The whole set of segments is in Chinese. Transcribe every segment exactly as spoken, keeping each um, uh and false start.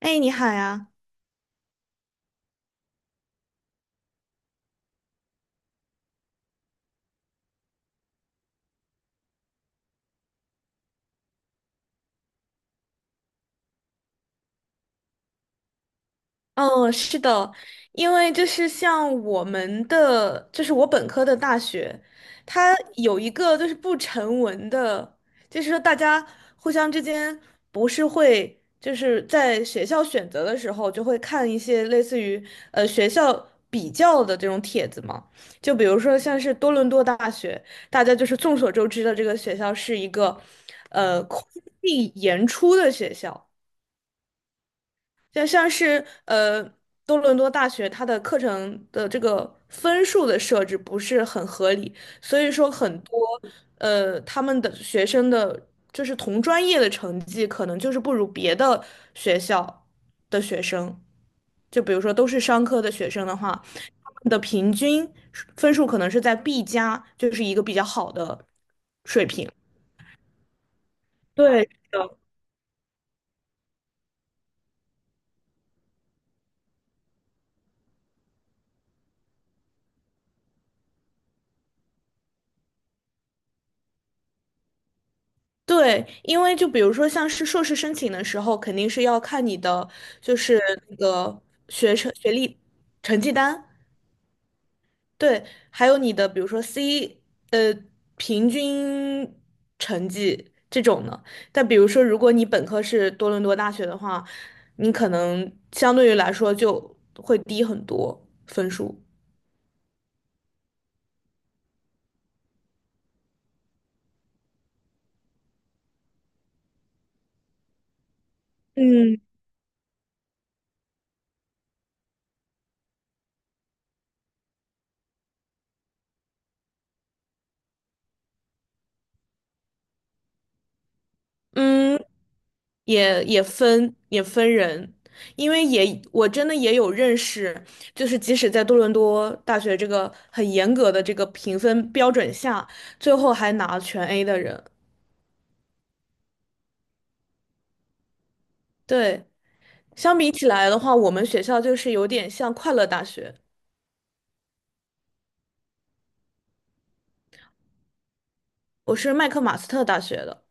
哎，你好呀。哦，是的，因为就是像我们的，就是我本科的大学，它有一个就是不成文的，就是说大家互相之间不是会就是在学校选择的时候就会看一些类似于呃学校比较的这种帖子嘛，就比如说像是多伦多大学，大家就是众所周知的这个学校是一个呃空地严出的学校。像像是呃，多伦多大学它的课程的这个分数的设置不是很合理，所以说很多呃他们的学生的就是同专业的成绩可能就是不如别的学校的学生，就比如说都是商科的学生的话，他们的平均分数可能是在 B 加，就是一个比较好的水平。对，的。对，因为就比如说像是硕士申请的时候，肯定是要看你的就是那个学成学历成绩单，对，还有你的比如说 C 呃平均成绩这种的。但比如说如果你本科是多伦多大学的话，你可能相对于来说就会低很多分数。嗯嗯，也也分也分人，因为也我真的也有认识，就是即使在多伦多大学这个很严格的这个评分标准下，最后还拿全 A 的人。对，相比起来的话，我们学校就是有点像快乐大学，我是麦克马斯特大学的。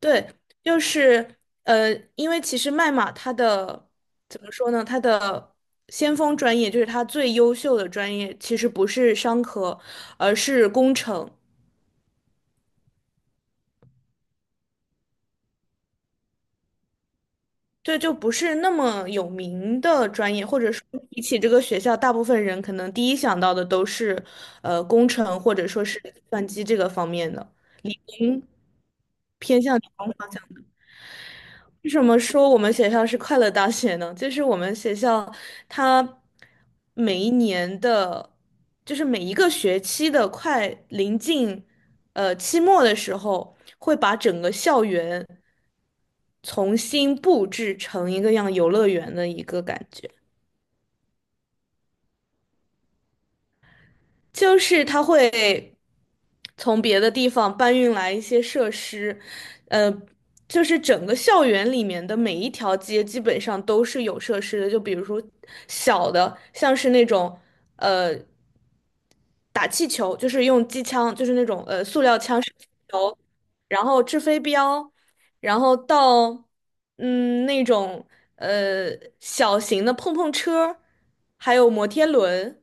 对，就是呃，因为其实麦马它的怎么说呢，它的。先锋专业就是它最优秀的专业，其实不是商科，而是工程。对，就不是那么有名的专业，或者说比起这个学校，大部分人可能第一想到的都是，呃，工程或者说是计算机这个方面的，偏向理工方向的。为什么说我们学校是快乐大学呢？就是我们学校它每一年的，就是每一个学期的快临近，呃，期末的时候，会把整个校园重新布置成一个像游乐园的一个感觉。就是他会从别的地方搬运来一些设施，呃，就是整个校园里面的每一条街基本上都是有设施的，就比如说小的，像是那种呃打气球，就是用机枪，就是那种呃塑料枪射气球，然后掷飞镖，然后到嗯那种呃小型的碰碰车，还有摩天轮。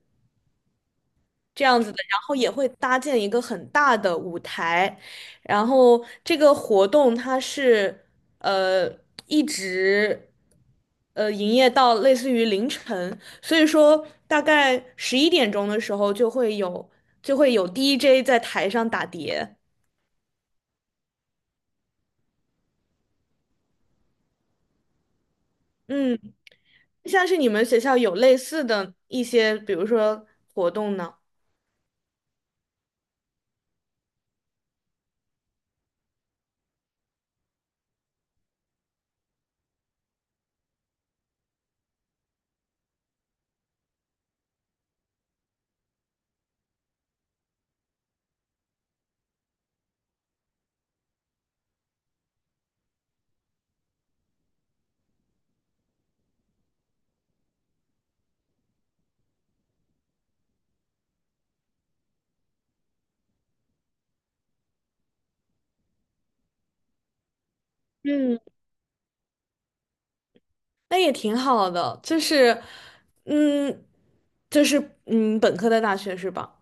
这样子的，然后也会搭建一个很大的舞台，然后这个活动它是呃一直呃营业到类似于凌晨，所以说大概十一点钟的时候就会有就会有 D J 在台上打碟，嗯，像是你们学校有类似的一些，比如说活动呢？嗯，那也挺好的，就是，嗯，就是嗯，本科的大学是吧？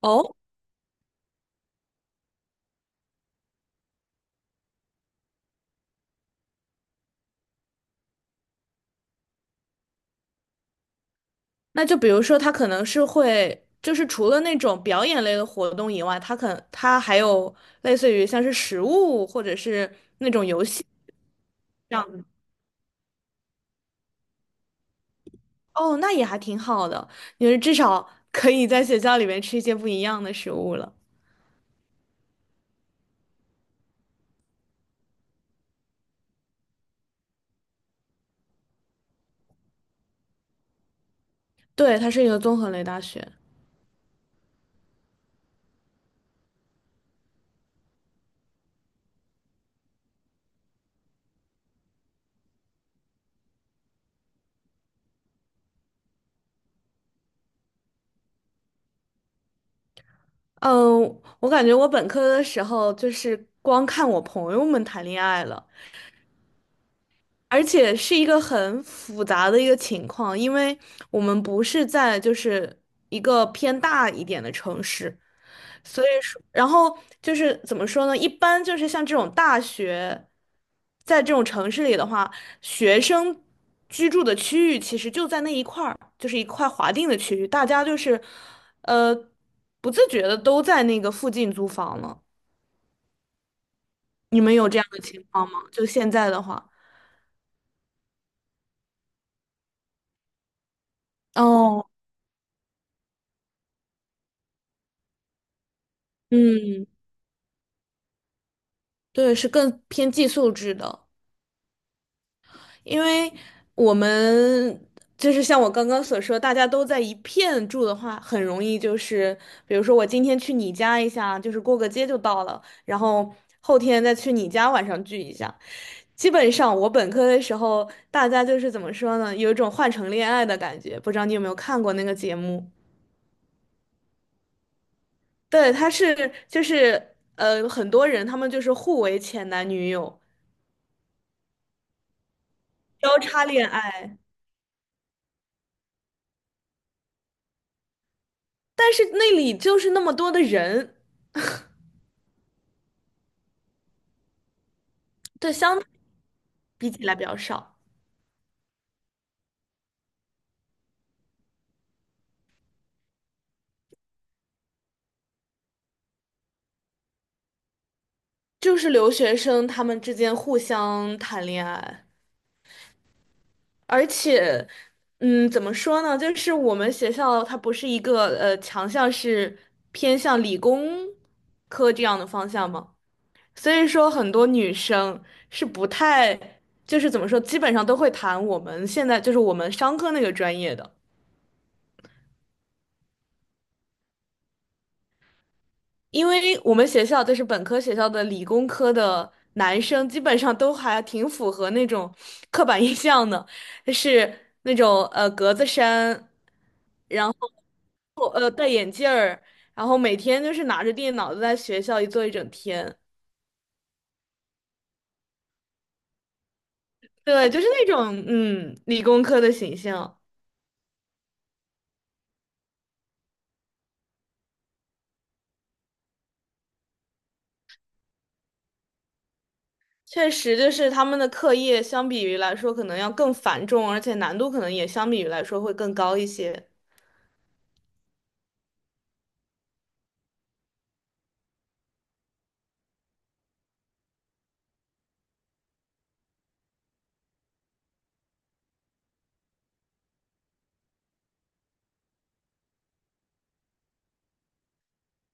哦，那就比如说，他可能是会，就是除了那种表演类的活动以外，他可他还有类似于像是食物或者是那种游戏这样子。哦，那也还挺好的，因为至少 可以在学校里面吃一些不一样的食物了。对，它是一个综合类大学。嗯，我感觉我本科的时候就是光看我朋友们谈恋爱了，而且是一个很复杂的一个情况，因为我们不是在就是一个偏大一点的城市，所以说，然后就是怎么说呢？一般就是像这种大学，在这种城市里的话，学生居住的区域其实就在那一块儿，就是一块划定的区域，大家就是呃不自觉的都在那个附近租房了。你们有这样的情况吗？就现在的话，哦，嗯。对，是更偏寄宿制的，因为我们就是像我刚刚所说，大家都在一片住的话，很容易就是，比如说我今天去你家一下，就是过个街就到了，然后后天再去你家晚上聚一下。基本上我本科的时候，大家就是怎么说呢，有一种换乘恋爱的感觉，不知道你有没有看过那个节目？对，他是就是呃，很多人他们就是互为前男女友，交叉恋爱。但是那里就是那么多的人，对，相比起来比较少，就是留学生他们之间互相谈恋爱，而且，嗯，怎么说呢？就是我们学校它不是一个呃强项是偏向理工科这样的方向嘛，所以说很多女生是不太，就是怎么说，基本上都会谈我们现在就是我们商科那个专业的。因为我们学校就是本科学校的理工科的男生，基本上都还挺符合那种刻板印象的，就是那种呃格子衫，然后呃戴眼镜儿，然后每天就是拿着电脑在学校一坐一整天。对，就是那种嗯理工科的形象，确实就是他们的课业相比于来说可能要更繁重，而且难度可能也相比于来说会更高一些。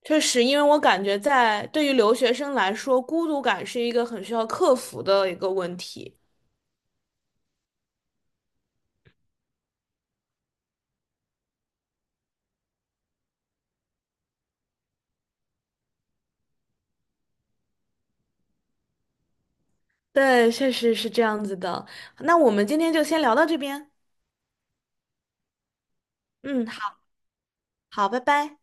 确实，因为我感觉在对于留学生来说，孤独感是一个很需要克服的一个问题。对，确实是这样子的。那我们今天就先聊到这边。嗯，好，好，拜拜。